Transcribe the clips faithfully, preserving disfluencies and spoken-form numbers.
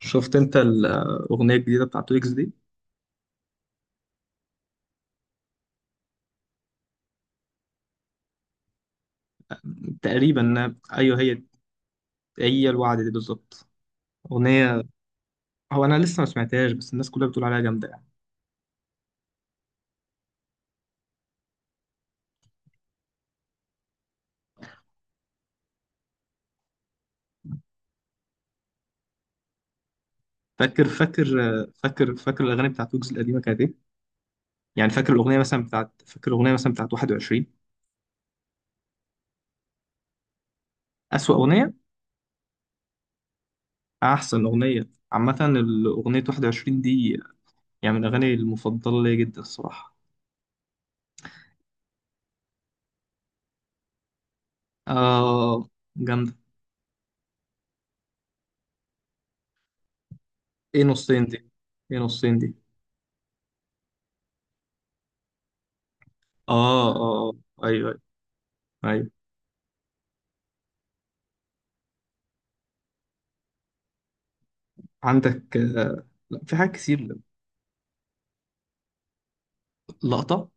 شفت انت الاغنيه الجديده بتاعت ويجز دي؟ تقريبا ايوه هي. هي الوعد دي بالظبط اغنيه. هو انا لسه ما سمعتهاش بس الناس كلها بتقول عليها جامده يعني. فاكر فاكر فاكر فاكر الاغاني بتاعت ويجز القديمه كانت ايه؟ يعني فاكر الاغنيه مثلا بتاعت، فاكر الاغنيه مثلا بتاعت واحد وعشرين. اسوأ اغنيه؟ احسن اغنيه عامه الاغنيه واحد وعشرين دي، يعني من الاغاني المفضله ليا جدا الصراحه. اه جامده. ايه نصين دي؟ ايه نصين دي اه اه، آه، ايوه ايوه. عندك، آه، لا في حاجات كتير. لقطة.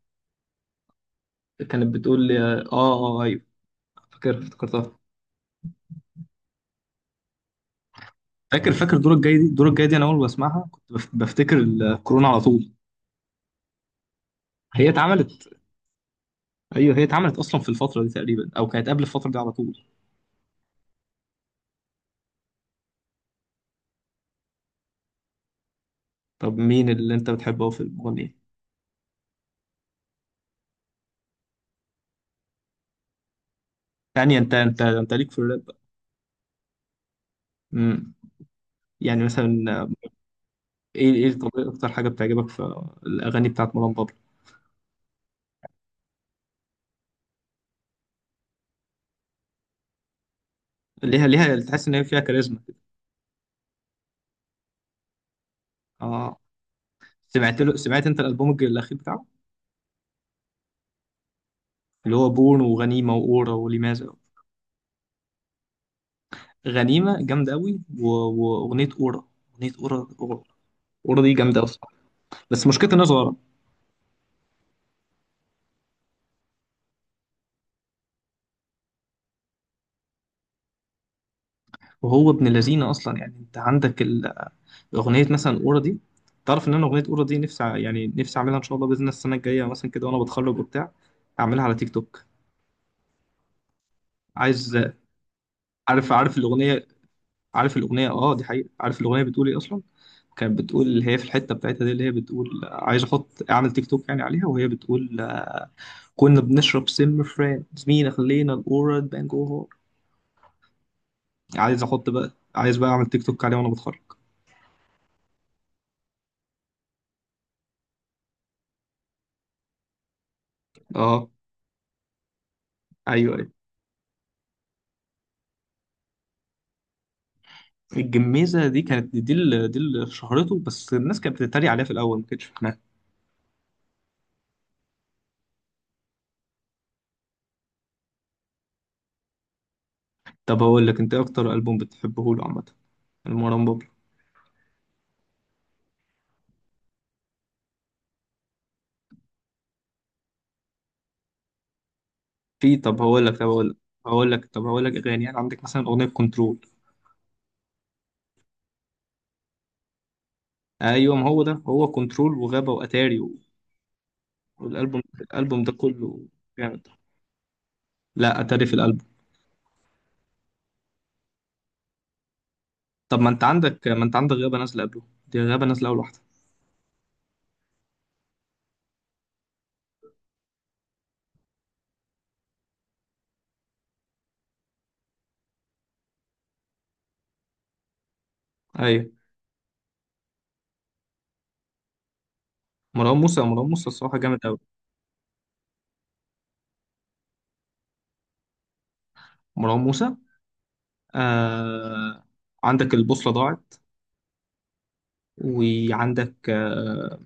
كانت بتقول لي اه اه، آه، ايوه، فاكر، افتكرتها. فاكر فاكر الدور الجاي دي، الدور الجاي دي انا اول ما اسمعها كنت بف- بفتكر الكورونا على طول. هي اتعملت، ايوه هي اتعملت اصلا في الفترة دي تقريبا او كانت قبل الفترة دي على طول. طب مين اللي انت بتحبه في المغني؟ يعني انت انت انت ليك في الراب بقى. امم يعني مثلا، آه، ايه ايه طب اكتر حاجة بتعجبك في الاغاني بتاعت مروان بابلو؟ ليها ليها تحس ان هي فيها كاريزما. اه. سمعت له، سمعت انت الالبوم الج- الاخير بتاعه؟ اللي هو بورن وغنيمة وأورا ولماذا. غنيمة جامدة أوي و... وأغنية أورا. أغنية أورا أورا، أورا دي جامدة أصلا بس مشكلتها إنها صغيرة. وهو ابن لذينة أصلا. يعني أنت عندك ال- أغنية مثلا أورا دي، تعرف إن أنا أغنية أورا دي نفسي ع- يعني نفسي أعملها إن شاء الله بإذن الله السنة الجاية مثلا كده وأنا بتخرج وبتاع، أعملها على تيك توك. عايز. عارف عارف الأغنية؟ عارف الأغنية؟ أه دي حقيقة. عارف الأغنية بتقول إيه أصلا؟ كانت بتقول اللي هي في الحتة بتاعتها دي اللي هي بتقول عايز أحط أعمل تيك توك يعني عليها، وهي بتقول كنا بنشرب سم فرانك مين خلينا الأورا بانج أوفر. عايز أحط بقى، عايز بقى أعمل تيك توك عليه وأنا بتخرج. أه. أيوه أيوه. الجميزة دي كانت، دي اللي، دي اللي شهرته، بس الناس كانت بتتريق عليها في الأول ما كانتش فاهمها. طب هقول لك أنت إيه أكتر ألبوم بتحبه له عامة؟ المروان بابلو. في، طب هقول لك طب هقول لك هقول لك طب هقول لك أغاني يعني. عندك مثلا أغنية كنترول. أيوه، ما هو ده، هو كنترول وغابة وأتاري و... والألبوم، الألبوم ده كله جامد. لا أتاري في الألبوم. طب ما انت عندك، ما انت عندك غابة نازلة قبله، دي غابة نازلة أول واحدة. أيوة. مروان موسى، مروان موسى الصراحة جامد أوي. مروان موسى، آه... عندك البوصلة ضاعت، وعندك، آه...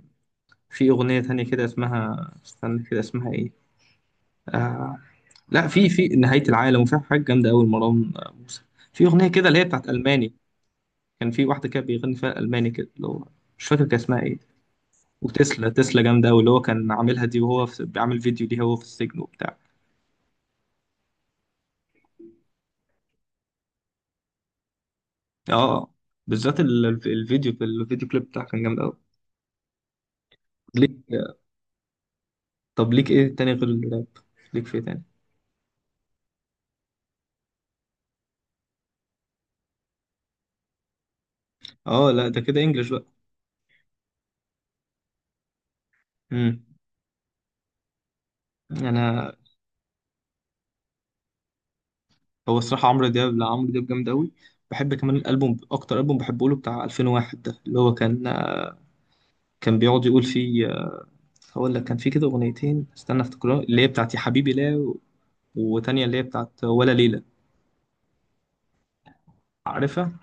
في أغنية تانية كده اسمها استنى كده اسمها إيه، آه... لا في، في نهاية العالم، وفي حاجة جامدة أوي مروان موسى، في أغنية كده اللي هي بتاعت ألماني. كان في واحدة كده بيغني فيها ألماني كده اللي هو، مش فاكر كان اسمها إيه. وتسلا، تسلا جامدة أوي، اللي هو كان عاملها دي وهو في... بيعمل فيديو ليها وهو في السجن وبتاع. اه بالذات ال- الف- الفيديو، الفيديو كليب بتاعه كان جامد قوي. ليك، طب ليك ايه تاني غير الراب؟ ليك في إيه تاني؟ اه لا ده كده انجلش بقى. امم انا، هو الصراحه عمرو دياب، لا عمرو دياب جامد قوي. بحب كمان الالبوم، اكتر البوم بحبه له بتاع ألفين وواحد ده، اللي هو كان كان بيقعد يقول فيه، هقول لك كان فيه كده اغنيتين، استنى افتكرها، اللي هي بتاعت يا حبيبي لا و- وتانية اللي هي بتاعت ولا ليلة. عارفها؟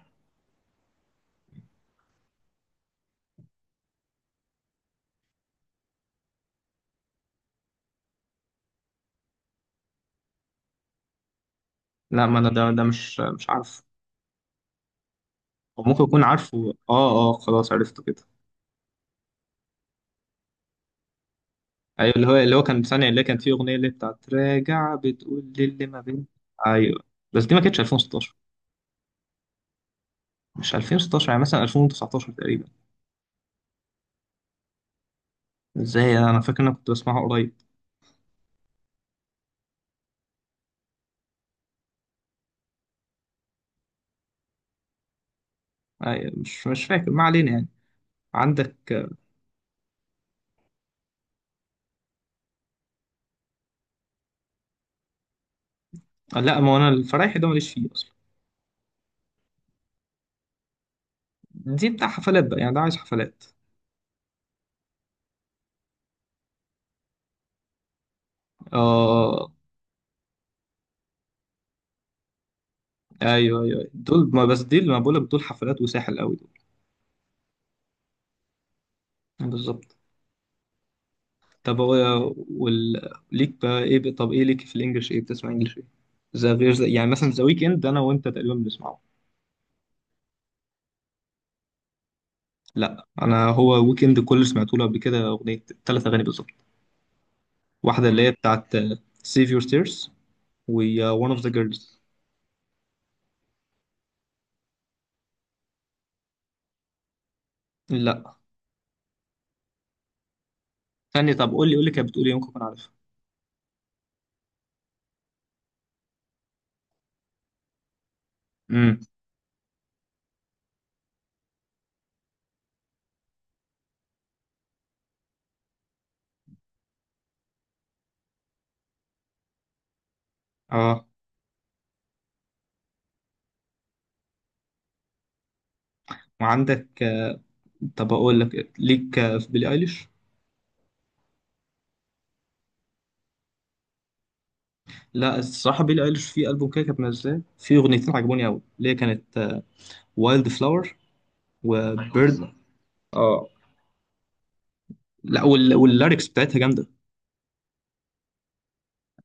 لا، ما انا ده ده مش مش عارفه. أو ممكن اكون عارفه، اه اه خلاص عرفته كده. ايوه، اللي هو اللي هو كان ثانية اللي كانت فيه اغنية اللي بتاعت راجع، بتقول للي ما بين. ايوه بس دي ما كانتش ألفين وستاشر. مش ألفين وستاشر، يعني مثلا ألفين وتسعتاشر تقريبا. ازاي، انا فاكر ان انا كنت بسمعها قريب. أيوة، مش مش فاكر، ما علينا يعني. عندك، آه، لا ما هو انا الفرايحي ده ماليش فيه اصلا. دي بتاع حفلات بقى يعني، ده عايز حفلات. اه ايوه ايوه، دول ما بس دي اللي ما بقولك، دول حفلات وساحل قوي دول. بالظبط. طب هو وال... ليك بقى ايه، ب... طب ايه ليك في الانجليش؟ ايه بتسمع انجليش ايه؟ زي غير زي... يعني مثلا ذا ويكند انا وانت تقريبا بنسمعه. لا انا، هو ويكند كله سمعت له قبل كده اغنيه، ثلاث اغاني بالظبط. واحده اللي هي بتاعت سيف يور تيرز، و، وان اوف ذا جيرلز. لا. ثانيه، طب قول لي، قول لي كانت بتقول ايه ممكن اكون عارفها. امم اه. وعندك، آه، طب اقول لك إيه؟ ليك، آه، في بيلي ايليش؟ لا الصراحه بيلي ايليش في البوم كده كانت منزلاه في اغنيتين عجبوني قوي، اللي هي كانت وايلد فلاور وبيرد. اه لا وال... واللاركس بتاعتها جامده.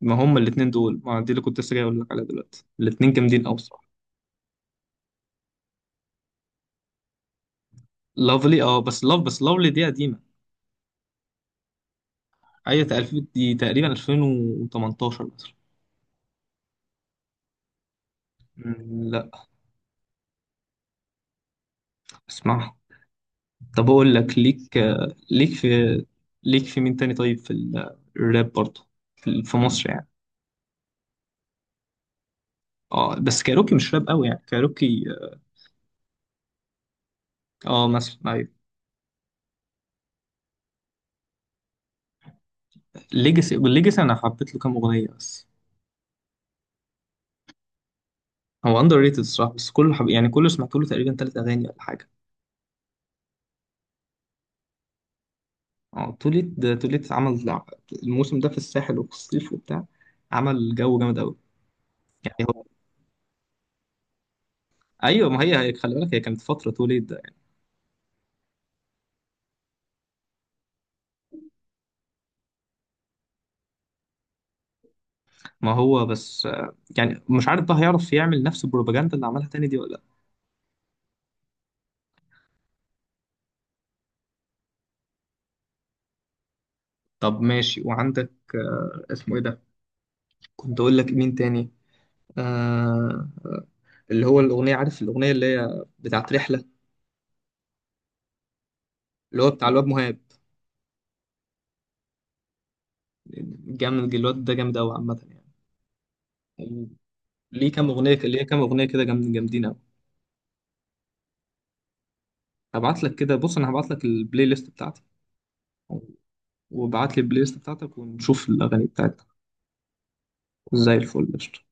ما هما الاثنين دول، ما دي اللي كنت لسه جاي اقول لك عليها دلوقتي، الاثنين جامدين قوي بصراحه. لافلي، اه بس لاف بس لافلي دي قديمه. ايوه تقريبا دي تقريبا ألفين وتمنتاشر مثلا. مم، لا. اسمع. طب اقول لك، ليك، آه، ليك في، ليك في مين تاني طيب في ال- الراب برضه؟ في ال- في مصر يعني. اه بس كايروكي مش راب قوي يعني كايروكي. اه مثلا ايوه. ليجاسي، والليجاسي انا حبيت له كام اغنيه بس. هو اندر ريتد الصراحه، بس كله حب... يعني كله سمعت له تقريبا ثلاث اغاني ولا حاجه. اه توليت، ده توليت عمل الموسم ده في الساحل وفي الصيف وبتاع، عمل جو جامد قوي. يعني هو ايوه، ما هي هي- خلي بالك هي كانت فتره توليت ده يعني. ما هو بس، آه، يعني مش عارف بقى هيعرف يعمل نفس البروباجندا اللي عملها تاني دي ولا لا. طب ماشي. وعندك، آه، اسمه ايه ده كنت اقول لك مين تاني، آه، اللي هو الاغنيه، عارف الاغنيه اللي هي بتاعت رحله؟ اللي هو بتاع الواد مهاب. جامد الواد ده، جامد قوي عامه. يعني ليه كام اغنيه، ليه كام اغنيه كده جامد- جامدين. هبعت لك كده، بص انا هبعت لك البلاي ليست بتاعتي، وابعت لي البلاي ليست بتاعتك ونشوف الاغاني بتاعتك. زي الفل، قشطة.